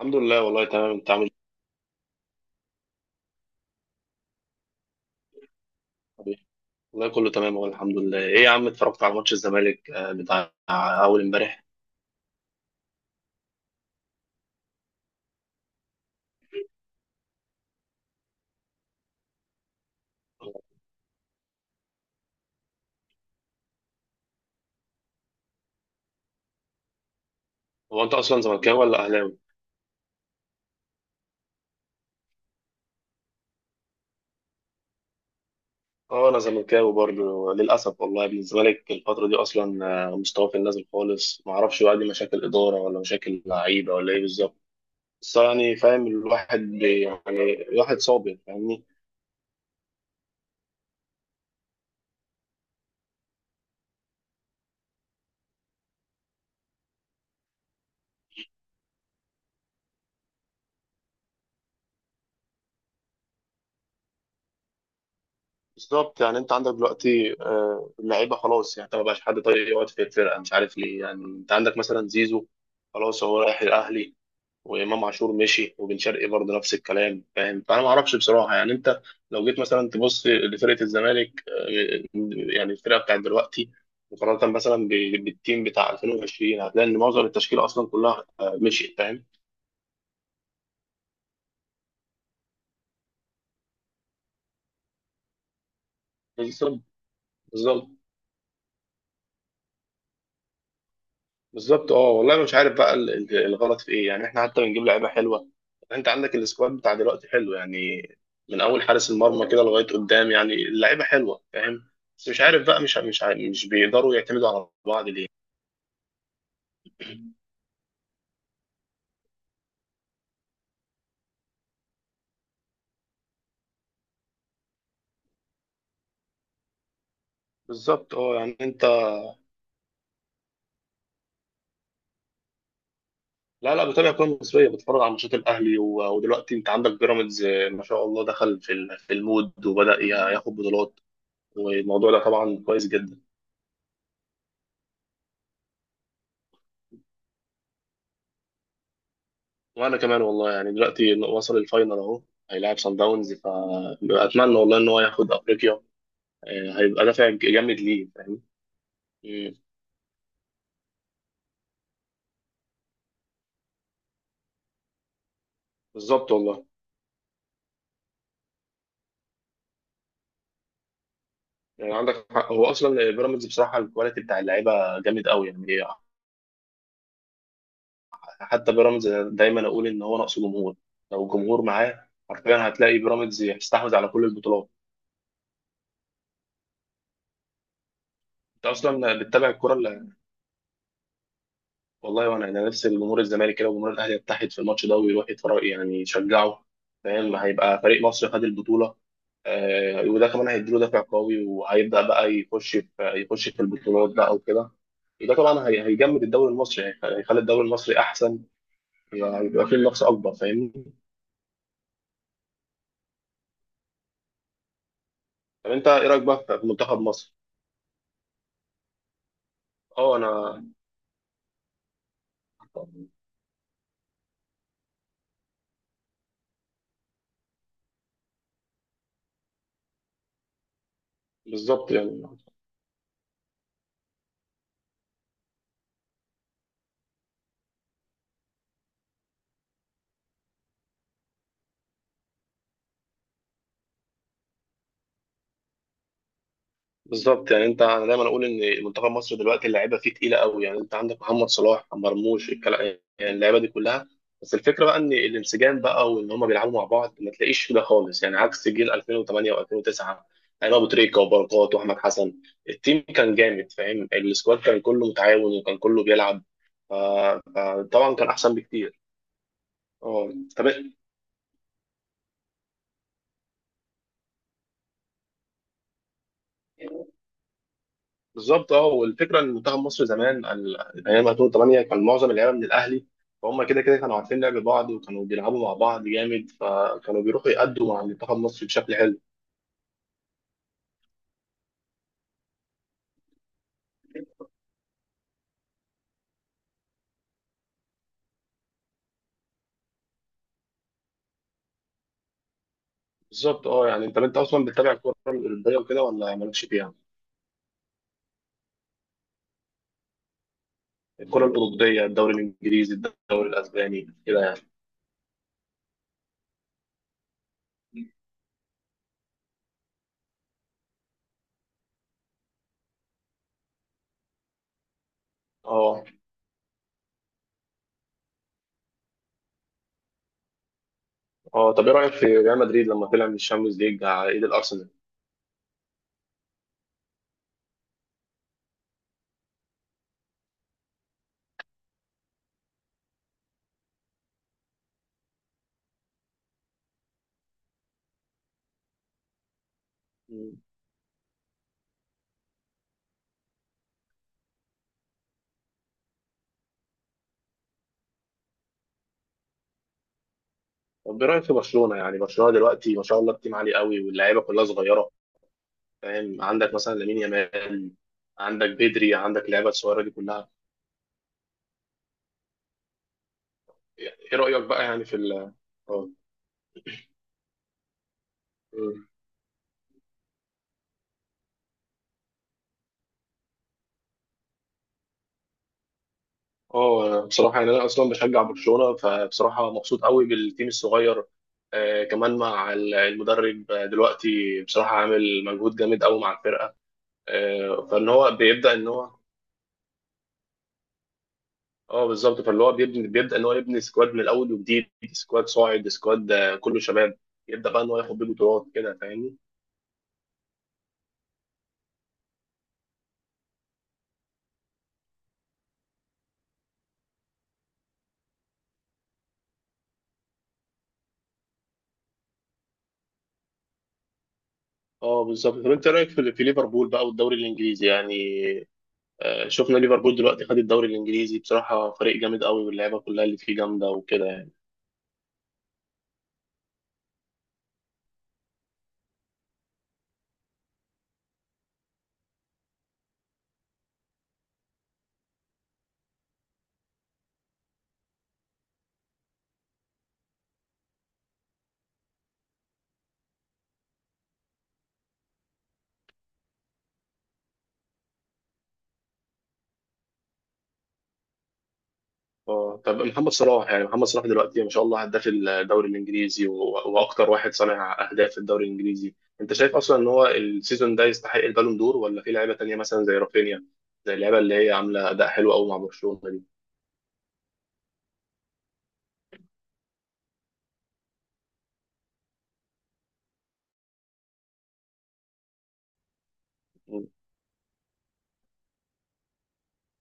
الحمد لله، والله تمام. انت عامل ايه؟ والله كله تمام، والله الحمد لله. ايه يا عم، اتفرجت على ماتش الزمالك بتاع اول امبارح. هو انت اصلا زملكاوي ولا اهلاوي؟ اه انا زملكاوي برضه للاسف، والله يا ابن الزمالك الفتره دي اصلا مستواه في النازل خالص. ما اعرفش بقى دي مشاكل اداره ولا مشاكل لعيبه ولا ايه بالظبط. بس يعني فاهم، الواحد يعني الواحد صابر، فاهمني؟ بالظبط. يعني انت عندك دلوقتي اللعيبه خلاص، يعني انت ما بقاش حد طايق يقعد في الفرقه، مش عارف ليه. يعني انت عندك مثلا زيزو، خلاص هو رايح الاهلي، وامام عاشور مشي، وبن شرقي برضه نفس الكلام، فاهم؟ فانا ما اعرفش بصراحه. يعني انت لو جيت مثلا تبص لفرقه الزمالك يعني الفرقه بتاعت دلوقتي مقارنه مثلا بالتيم بتاع 2020، هتلاقي ان معظم التشكيله اصلا كلها مشيت، فاهم؟ بالظبط، بالظبط، بالظبط. اه والله أنا مش عارف بقى الغلط في ايه، يعني احنا حتى بنجيب لعيبه حلوه. انت عندك السكواد بتاع دلوقتي حلو، يعني من اول حارس المرمى كده لغايه قدام، يعني اللعيبه حلوه، فاهم؟ بس مش عارف بقى، مش عارف، مش بيقدروا يعتمدوا على بعض ليه. بالظبط. اه يعني انت، لا لا، بتابع كوره مصريه، بتتفرج على ماتشات الاهلي ودلوقتي انت عندك بيراميدز ما شاء الله دخل في في المود، وبدا ياخد بطولات. والموضوع ده طبعا كويس جدا. وانا كمان والله، يعني دلوقتي وصل الفاينل اهو، هيلاعب سان داونز، فاتمنى والله ان هو ياخد افريقيا. هيبقى دافع جامد ليه، فاهم؟ مم. بالظبط والله. يعني عندك حق، هو اصلا بيراميدز بصراحه الكواليتي بتاع اللعيبه جامد قوي يعني. حتى بيراميدز دايما اقول ان هو ناقصه جمهور، لو الجمهور معاه حرفيا هتلاقي بيراميدز يستحوذ على كل البطولات. انت اصلا بتتابع الكوره ولا؟ والله وانا، انا نفسي جمهور الزمالك كده وجمهور الاهلي يتحد في الماتش ده ويروح يتفرج، يعني يشجعه، فاهم؟ هيبقى فريق مصر خد البطوله. آه وده كمان هيديله دافع قوي، وهيبدا بقى يخش في البطولات بقى وكده. وده طبعا هيجمد الدوري المصري، هيخلي الدوري المصري احسن، هيبقى فيه منافسه اكبر، فاهمني؟ طب انت ايه رايك بقى في منتخب مصر؟ اه انا بالظبط يعني. بالظبط يعني انت، انا دايما اقول ان منتخب مصر دلوقتي اللعيبه فيه تقيله قوي، يعني انت عندك محمد صلاح، مرموش، الكلام. يعني اللعيبه دي كلها، بس الفكره بقى ان الانسجام بقى وان هم بيلعبوا مع بعض ما تلاقيش ده خالص، يعني عكس جيل 2008 و2009، ايام ابو تريكه وبركات واحمد حسن. التيم كان جامد، فاهم؟ السكواد كان كله متعاون وكان كله بيلعب. ف- فطبعا كان احسن بكتير. اه طب إيه؟ بالظبط. اه والفكره ان منتخب مصر زمان ايام 2008 كان معظم اللعيبه من الاهلي، فهم كده كده كانوا عارفين لعب بعض، وكانوا بيلعبوا مع بعض جامد، فكانوا بيروحوا يأدوا مع منتخب مصر بشكل حلو. بالظبط. اه يعني انت اصلا بتتابع الكره الاوروبيه وكده ولا مالكش فيها؟ الكره الاوروبيه، الدوري الانجليزي، الدوري الاسباني، كده يعني. اه. اه طب ايه رايك في ريال مدريد لما طلع من الشامبيونز ليج على ايد الارسنال؟ مم. طب ايه رايك في برشلونه؟ يعني برشلونه دلوقتي ما شاء الله التيم عالي قوي، واللعيبه كلها صغيره، فاهم؟ عندك مثلا لامين يامال، عندك بدري، عندك لعيبه الصغيره دي كلها. ايه رايك بقى يعني في ال اه. مم. اه أنا بصراحه يعني، انا اصلا بشجع برشلونه، فبصراحه مبسوط قوي بالتيم الصغير. آه كمان مع المدرب دلوقتي بصراحه عامل مجهود جامد قوي مع الفرقه. آه فان هو بيبدا ان هو، اه بالظبط، فاللي هو بيبدا ان هو يبني سكواد من الاول وجديد، سكواد صاعد، سكواد كله شباب، يبدا بقى ان هو ياخد بيه بطولات كده، فاهمني؟ اه بالظبط. طب انت رايك في ليفربول بقى والدوري الانجليزي، يعني شفنا ليفربول دلوقتي خد الدوري الانجليزي، بصراحه فريق جامد قوي واللعيبه كلها اللي فيه جامده وكده يعني. اه طب محمد صلاح، يعني محمد صلاح دلوقتي ما شاء الله هداف الدوري الانجليزي واكتر واحد صانع اهداف في الدوري الانجليزي، انت شايف اصلا ان هو السيزون ده يستحق البالون دور، ولا في لعيبه تانيه مثلا زي رافينيا، زي اللعيبه اللي هي عامله اداء حلو قوي مع برشلونه دي؟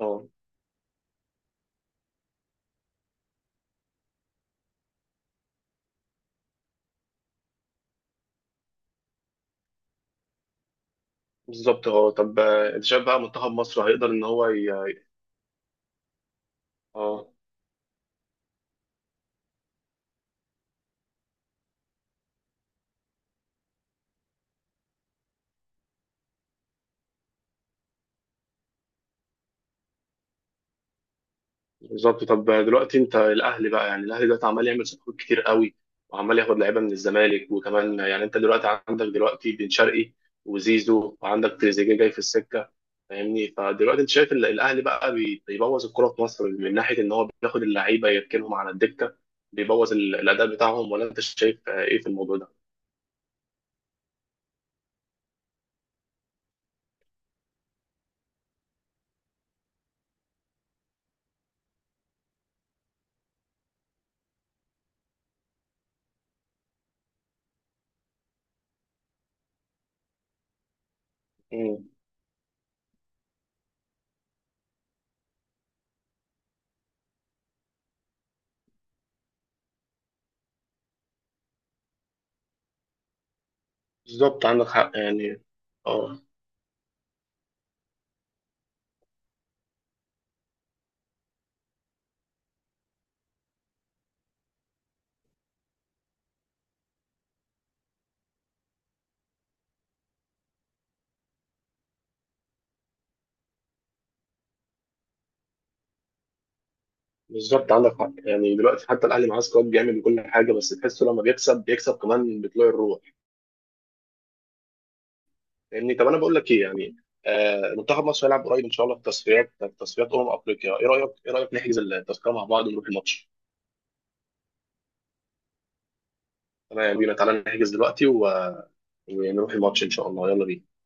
اه بالظبط. اه طب انت شايف بقى منتخب مصر هيقدر ان هو ي... اه بالظبط. طب دلوقتي انت الاهلي بقى، يعني الاهلي دلوقتي عمال يعمل صفقات كتير قوي وعمال ياخد لعيبه من الزمالك، وكمان يعني انت دلوقتي عندك دلوقتي بن شرقي وزيزو وعندك تريزيجيه جاي في السكه، فاهمني؟ فدلوقتي انت شايف الاهلي بقى بيبوظ الكره في مصر من ناحيه ان هو بياخد اللعيبه يركنهم على الدكه، بيبوظ الاداء بتاعهم، ولا انت شايف ايه في الموضوع ده؟ مم. بالظبط عندك حق يعني. اه بالظبط عندك حق، يعني دلوقتي حتى الاهلي معاه سكواد جامد وكل حاجه، بس تحسه لما بيكسب بيكسب كمان بطلوع الروح، فاهمني؟ طب انا بقول لك ايه يعني، آه منتخب مصر هيلعب قريب ان شاء الله في تصفيات، في تصفيات افريقيا، ايه رايك، ايه رايك نحجز التذكره مع بعض ونروح الماتش؟ تمام يلا بينا، تعالى نحجز دلوقتي ونروح الماتش ان شاء الله، يلا بينا.